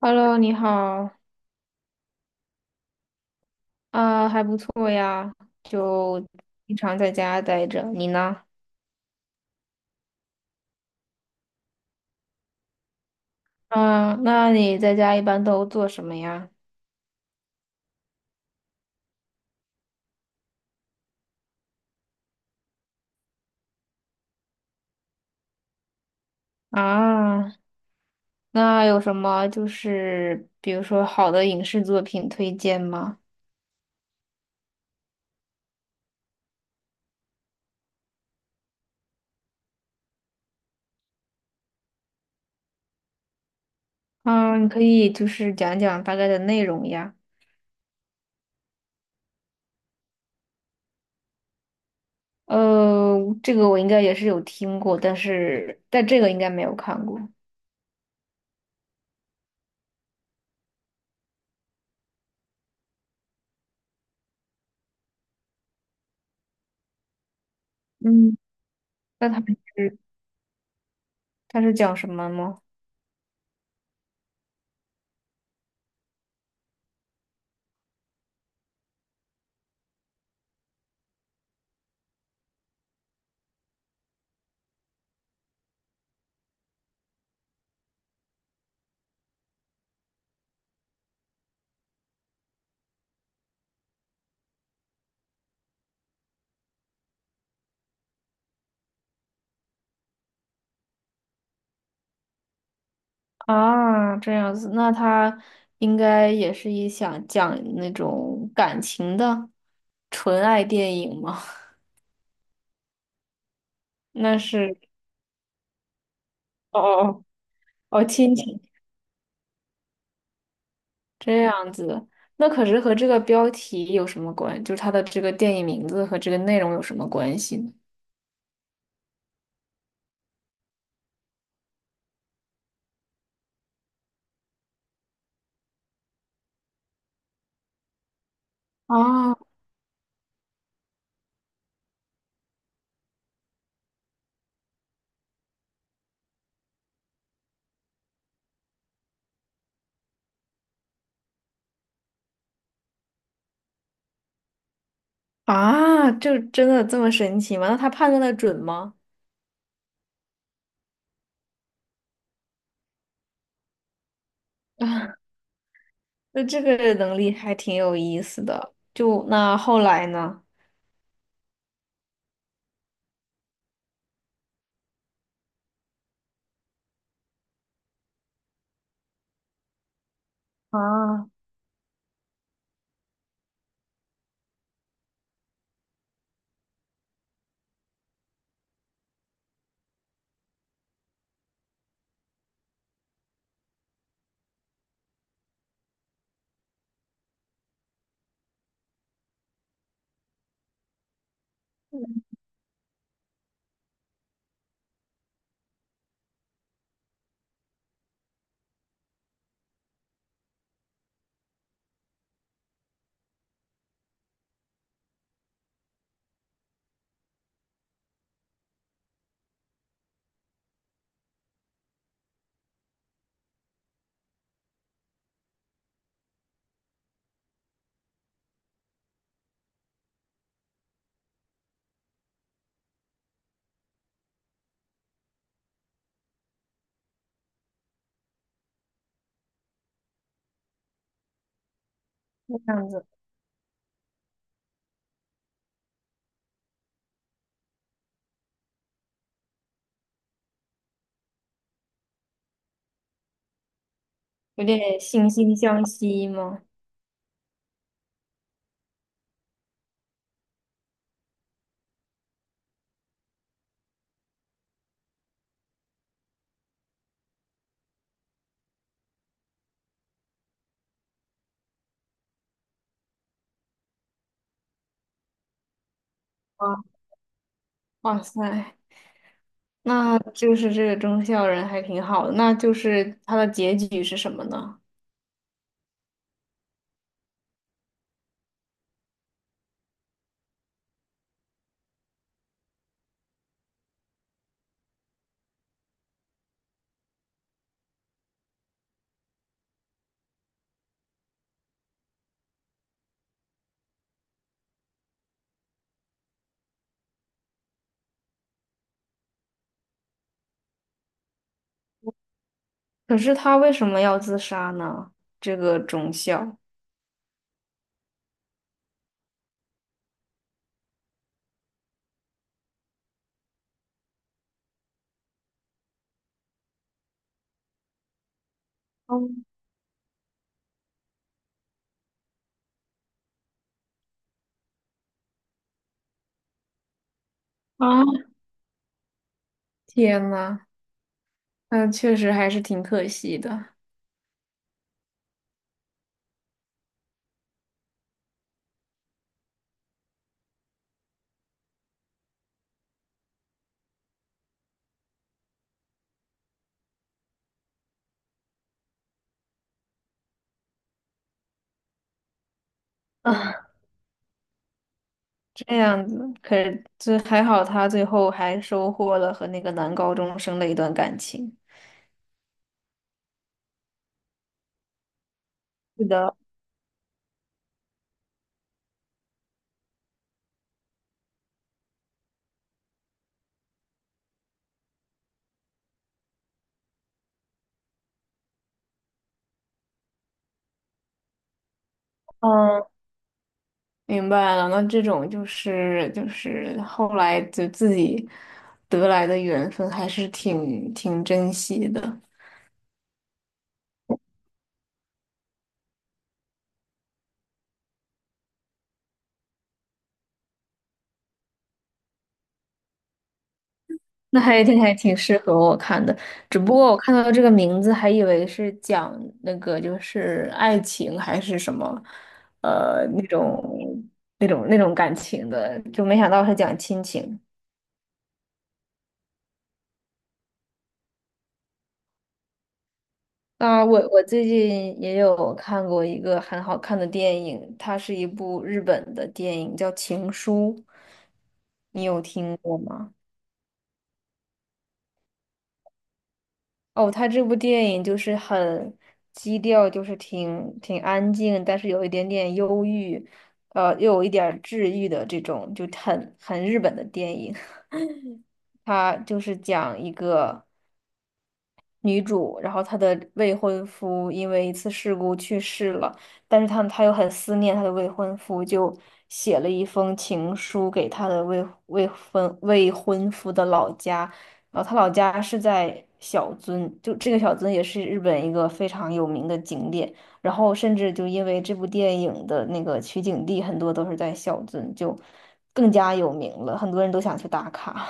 Hello，你好，啊、还不错呀，就经常在家待着。你呢？啊、那你在家一般都做什么呀？啊，那有什么就是比如说好的影视作品推荐吗？嗯，你可以就是讲讲大概的内容呀。呃，这个我应该也是有听过，但这个应该没有看过。嗯，那它时它是讲什么吗？啊，这样子，那他应该也是一想讲那种感情的纯爱电影吗？那是哦哦哦，亲情这样子，那可是和这个标题有什么关？就是它的这个电影名字和这个内容有什么关系呢？啊啊，就真的这么神奇吗？那他判断的准吗？啊，那这个能力还挺有意思的。就那后来呢？啊，这样子。有点惺惺相惜吗？哇哇塞，那就是这个忠孝人还挺好的。那就是他的结局是什么呢？可是他为什么要自杀呢？这个忠孝，嗯啊，天呐，那确实还是挺可惜的啊。这样子，可是这还好，他最后还收获了和那个男高中生的一段感情。是的，嗯。明白了，那这种就是后来就自己得来的缘分，还是挺珍惜的。那还挺适合我看的，只不过我看到这个名字还以为是讲那个就是爱情还是什么，那种那种感情的，就没想到是讲亲情。啊，我最近也有看过一个很好看的电影，它是一部日本的电影，叫《情书》，你有听过吗？哦，它这部电影就是很基调，就是挺安静，但是有一点点忧郁，又有一点儿治愈的这种，就很日本的电影。它就是讲一个女主，然后她的未婚夫因为一次事故去世了，但是她又很思念她的未婚夫，就写了一封情书给她的未婚夫的老家，然后她老家是在小樽，就这个小樽也是日本一个非常有名的景点，然后甚至就因为这部电影的那个取景地很多都是在小樽，就更加有名了，很多人都想去打卡。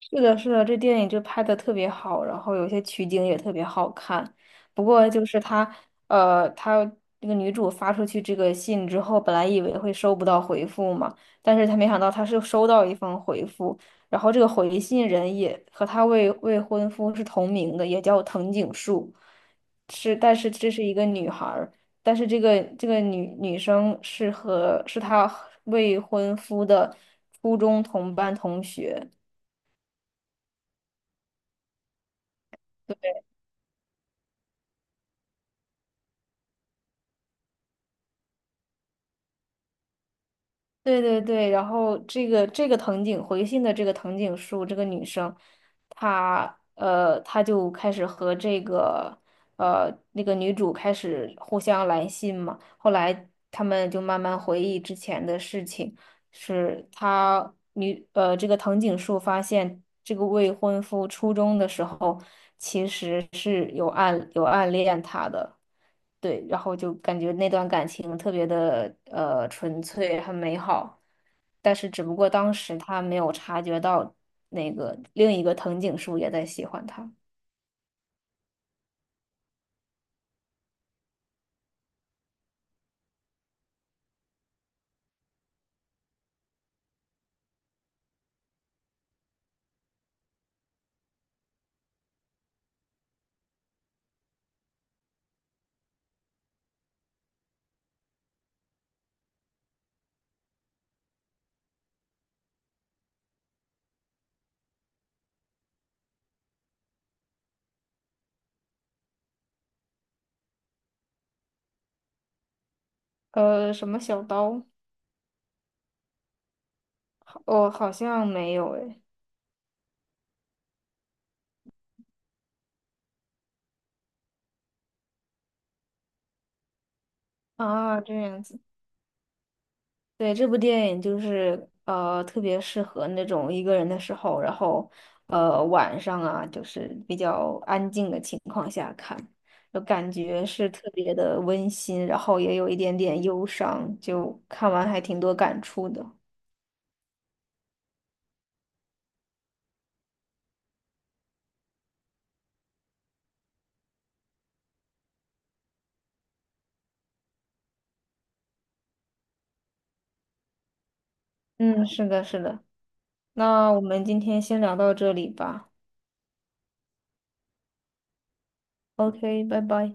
是的，这电影就拍的特别好，然后有些取景也特别好看。不过就是她，她这个女主发出去这个信之后，本来以为会收不到回复嘛，但是她没想到她是收到一封回复，然后这个回信人也和她未婚夫是同名的，也叫藤井树，是，但是这是一个女孩儿，但是这个女生是她未婚夫的初中同班同学。对，然后这个藤井回信的这个藤井树这个女生，她就开始和这个那个女主开始互相来信嘛。后来他们就慢慢回忆之前的事情，是她女呃这个藤井树发现这个未婚夫初中的时候其实是有暗恋她的。对，然后就感觉那段感情特别的纯粹，很美好，但是只不过当时他没有察觉到那个另一个藤井树也在喜欢他。呃，什么小刀？哦，好像没有诶。啊，这样子。对，这部电影就是特别适合那种一个人的时候，然后晚上啊，就是比较安静的情况下看，就感觉是特别的温馨，然后也有一点点忧伤，就看完还挺多感触的。嗯，是的。那我们今天先聊到这里吧。OK，拜拜。